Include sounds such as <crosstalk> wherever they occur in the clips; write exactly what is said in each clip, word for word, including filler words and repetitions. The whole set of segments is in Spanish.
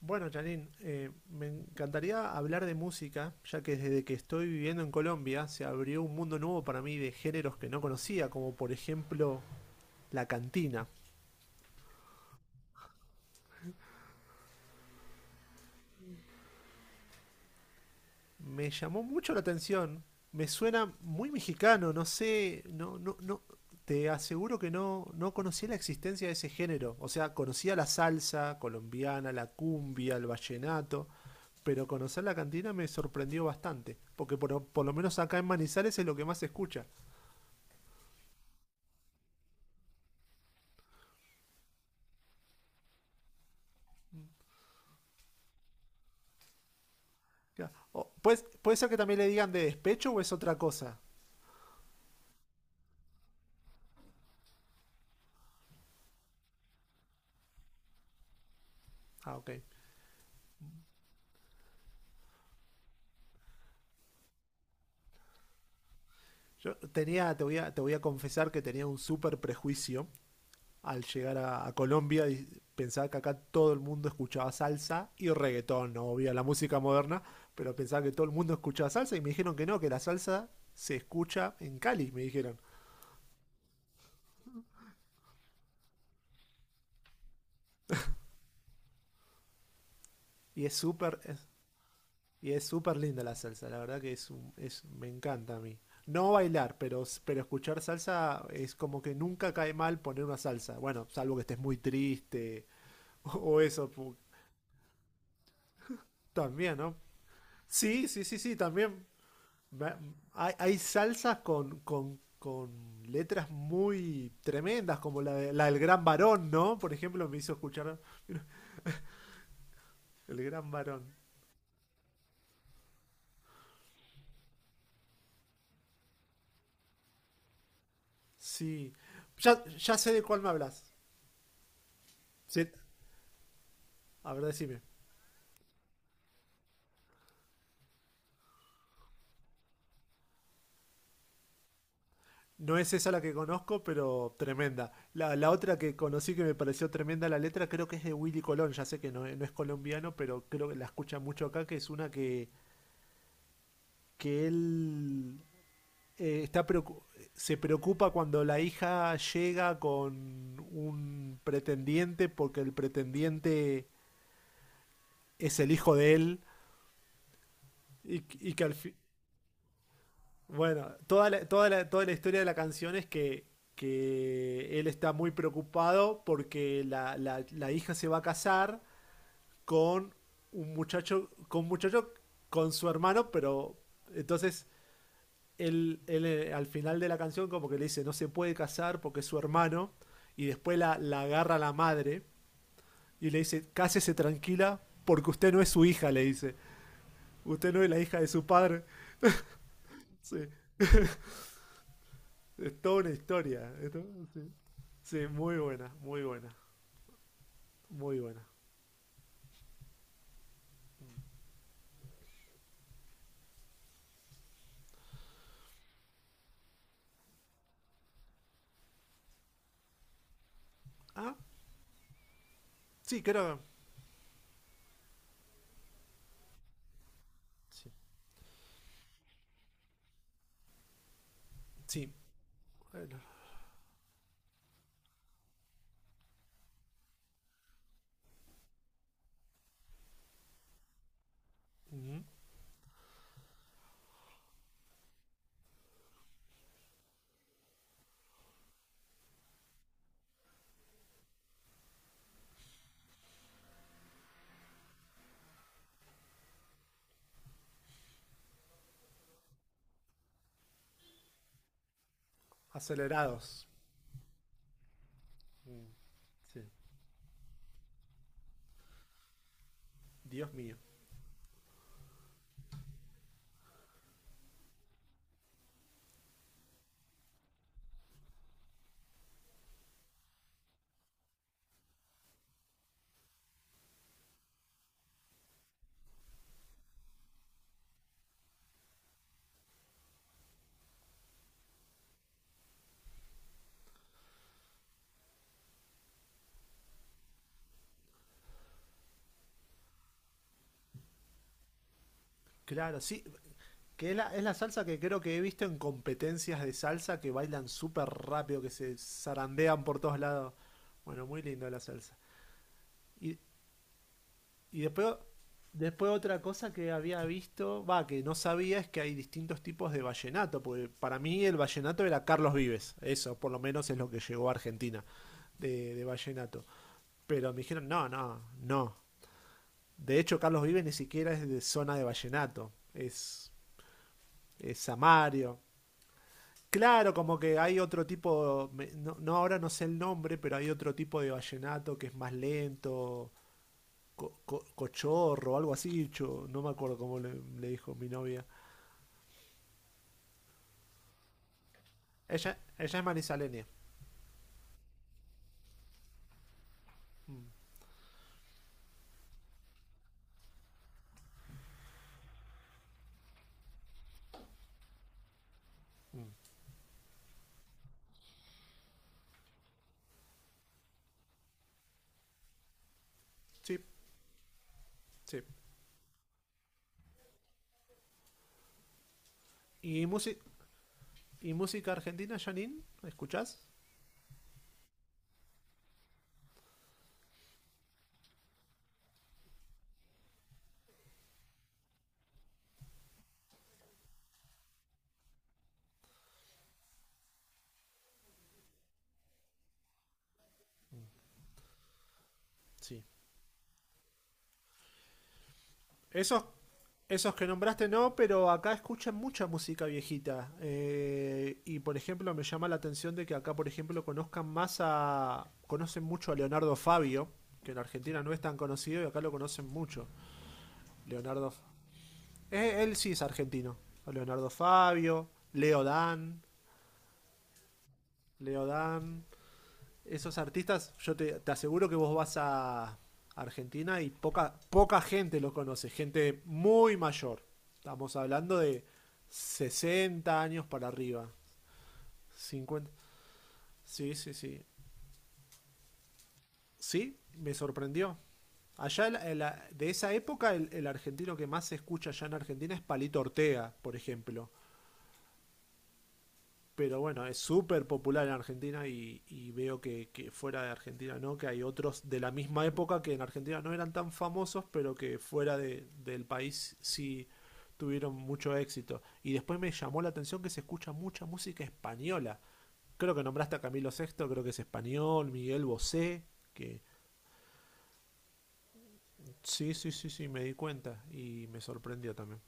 Bueno, Janine, eh, me encantaría hablar de música, ya que desde que estoy viviendo en Colombia se abrió un mundo nuevo para mí de géneros que no conocía, como por ejemplo la cantina. Me llamó mucho la atención, me suena muy mexicano, no sé, no, no, no, te aseguro que no, no conocía la existencia de ese género. O sea, conocía la salsa colombiana, la cumbia, el vallenato, pero conocer la cantina me sorprendió bastante, porque por, por lo menos acá en Manizales es lo que más se escucha. Claro. O- ¿Puede, puede ser que también le digan de despecho o es otra cosa? Ah, ok. Yo tenía, te voy a, te voy a confesar que tenía un súper prejuicio al llegar a, a Colombia y pensaba que acá todo el mundo escuchaba salsa y reggaetón, no obvio, la música moderna, pero pensaba que todo el mundo escuchaba salsa y me dijeron que no, que la salsa se escucha en Cali, me dijeron. Y es súper, es Y es súper linda la salsa, la verdad que es, un- es me encanta a mí. No bailar, pero, s- pero escuchar salsa es como que nunca cae mal poner una salsa. Bueno, salvo que estés muy triste <laughs> o, o eso pu- también, ¿no? Sí, sí, sí, sí, también. Me- Hay, hay salsas con, con, con letras muy tremendas, como la, de- la del Gran Varón, ¿no? Por ejemplo, me hizo escuchar el Gran Varón. Sí. Ya, ya sé de cuál me hablas. Sí. A ver, decime. No es esa la que conozco, pero tremenda. La, la otra que conocí que me pareció tremenda la letra, creo que es de Willy Colón. Ya sé que no, es no es colombiano, pero creo que la escuchan mucho acá, que es una que, que él eh, está preocu- se preocupa cuando la hija llega con un pretendiente porque el pretendiente es el hijo de él y, y que al, fi- Bueno, toda la, toda la, toda la historia de la canción es que, que él está muy preocupado porque la, la- la hija se va a casar con un muchacho, con un muchacho con su hermano, pero entonces él, él, eh, al final de la canción como que le dice no se puede casar porque es su hermano y después la, la agarra la madre y le dice cásese tranquila porque usted no es su hija, le dice. Usted no es la hija de su padre. Sí, es toda una historia. ¿No? Sí. Sí, muy buena, muy buena, muy buena. Ah, sí, creo. Sí, sí. Bueno, ujú. Acelerados. Sí. Dios mío. Claro, sí. Que es la, es la salsa que creo que he visto en competencias de salsa que bailan súper rápido, que se zarandean por todos lados. Bueno, muy linda la salsa. Y Y después, después otra cosa que había visto, va, que no sabía es que hay distintos tipos de vallenato, porque para mí el vallenato era Carlos Vives, eso por lo menos es lo que llegó a Argentina de, de vallenato. Pero me dijeron, no, no, no. De hecho, Carlos Vives ni siquiera es de zona de vallenato, es, es Samario. Claro, como que hay otro tipo, me- no, no, ahora no sé el nombre, pero hay otro tipo de vallenato que es más lento, co- co- cochorro o algo así, cho- no me acuerdo cómo le, le dijo mi novia. Ella, ella es marisaleña. Sí, sí. ¿Y, musi- y música argentina, Janine? ¿Escuchás? Sí. Esos, esos que nombraste no, pero acá escuchan mucha música viejita. Eh, y por ejemplo, me llama la atención de que acá, por ejemplo, conozcan más a. Conocen mucho a Leonardo Fabio, que en Argentina no es tan conocido y acá lo conocen mucho. Leonardo, eh, él sí es argentino. Leonardo Fabio, Leo Dan, Leo Dan. Esos artistas, yo te, te aseguro que vos vas a Argentina y poca, poca gente los conoce, gente muy mayor. Estamos hablando de sesenta años para arriba. Cincuenta. Sí, sí, sí. Sí, me sorprendió. Allá el- el- de esa época, el, el argentino que más se escucha allá en Argentina es Palito Ortega, por ejemplo. Pero bueno, es súper popular en Argentina y, y veo que, que, fuera de Argentina no, que hay otros de la misma época que en Argentina no eran tan famosos, pero que fuera de, del país sí tuvieron mucho éxito. Y después me llamó la atención que se escucha mucha música española. Creo que nombraste a Camilo sexto, creo que es español, Miguel Bosé, que sí, sí, sí, sí, me di cuenta y me sorprendió también.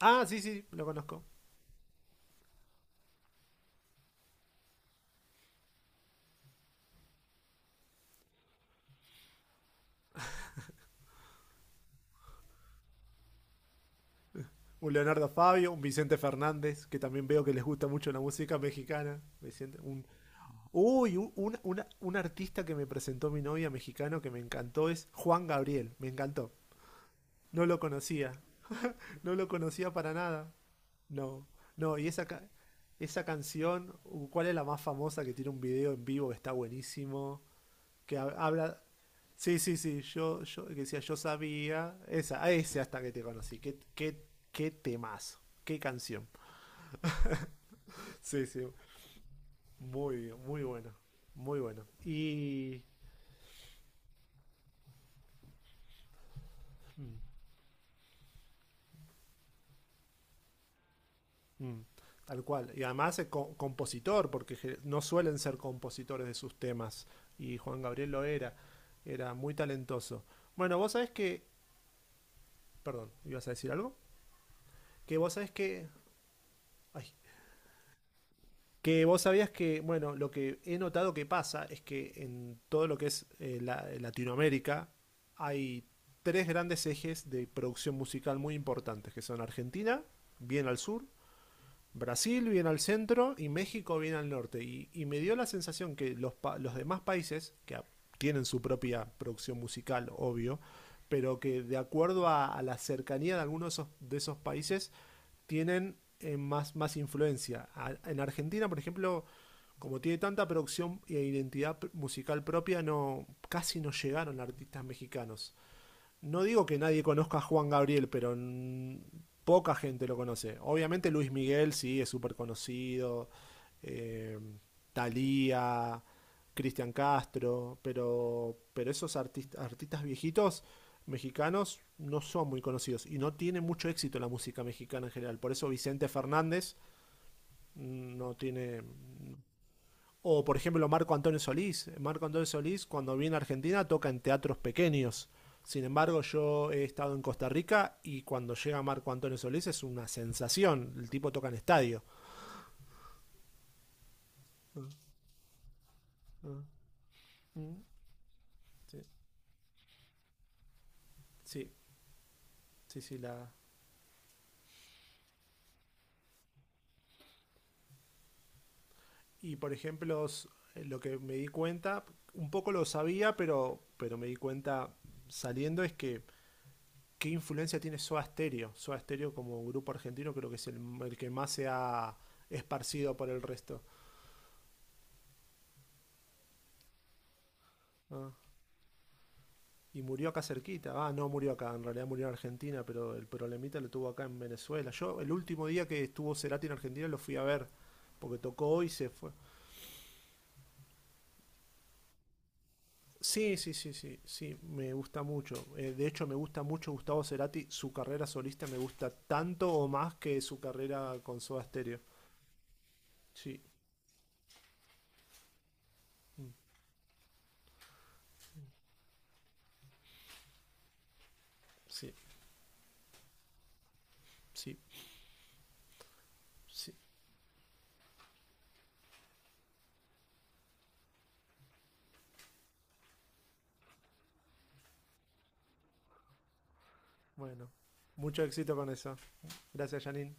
Ah, sí, sí, lo conozco. Un Leonardo Fabio, un Vicente Fernández, que también veo que les gusta mucho la música mexicana. Vicente, un, uy, un, un- una- un artista que me presentó mi novia mexicano que me encantó es Juan Gabriel, me encantó. No lo conocía, no lo conocía para nada. No, no, y esa, ca- esa canción, uh, ¿cuál es la más famosa que tiene un video en vivo que está buenísimo? Que ha- habla... Sí, sí, sí, yo, yo que decía, yo sabía, esa, a ese hasta que te conocí, qué, qué, qué temazo, qué canción. Sí, sí, muy, muy bueno, muy bueno. Y mm, tal cual. Y además es co- compositor, porque ge- no suelen ser compositores de sus temas. Y Juan Gabriel lo era, era muy talentoso. Bueno, vos sabés que, perdón, ¿ibas a decir algo? Que vos sabés que, ay, que vos sabías que, bueno, lo que he notado que pasa es que en todo lo que es eh, la- eh, Latinoamérica hay tres grandes ejes de producción musical muy importantes, que son Argentina, bien al sur, Brasil bien al centro y México bien al norte. Y, y me dio la sensación que los, pa- los demás países, que tienen su propia producción musical, obvio, pero que de acuerdo a, a la cercanía de algunos de esos, de esos países, tienen eh, más, más influencia. A- en Argentina, por ejemplo, como tiene tanta producción e identidad musical propia, no, casi no llegaron artistas mexicanos. No digo que nadie conozca a Juan Gabriel, pero mm, poca gente lo conoce. Obviamente Luis Miguel sí es súper conocido, eh, Thalía, Cristian Castro, pero, pero esos artist- artistas viejitos mexicanos no son muy conocidos y no tiene mucho éxito la música mexicana en general. Por eso Vicente Fernández mm, no tiene o, por ejemplo, Marco Antonio Solís. Marco Antonio Solís, cuando viene a Argentina, toca en teatros pequeños. Sin embargo, yo he estado en Costa Rica y cuando llega Marco Antonio Solís es una sensación. El tipo toca en estadio. Sí, sí, sí. Sí, la... Y, por ejemplo, lo que me di cuenta, un poco lo sabía, pero, pero me di cuenta saliendo, es que qué influencia tiene Soda Stereo. Soda Stereo como grupo argentino creo que es el, el que más se ha esparcido por el resto. Ah, y murió acá cerquita. Ah, no murió acá, en realidad murió en Argentina, pero el problemita lo tuvo acá en Venezuela. Yo el último día que estuvo Cerati en Argentina lo fui a ver, porque tocó hoy y se fue. Sí, sí, sí, sí, sí, me gusta mucho. Eh, de hecho, me gusta mucho Gustavo Cerati. Su carrera solista me gusta tanto o más que su carrera con Soda Stereo. Sí, mm, sí, sí, sí. Bueno, mucho éxito con eso. Gracias, Janine.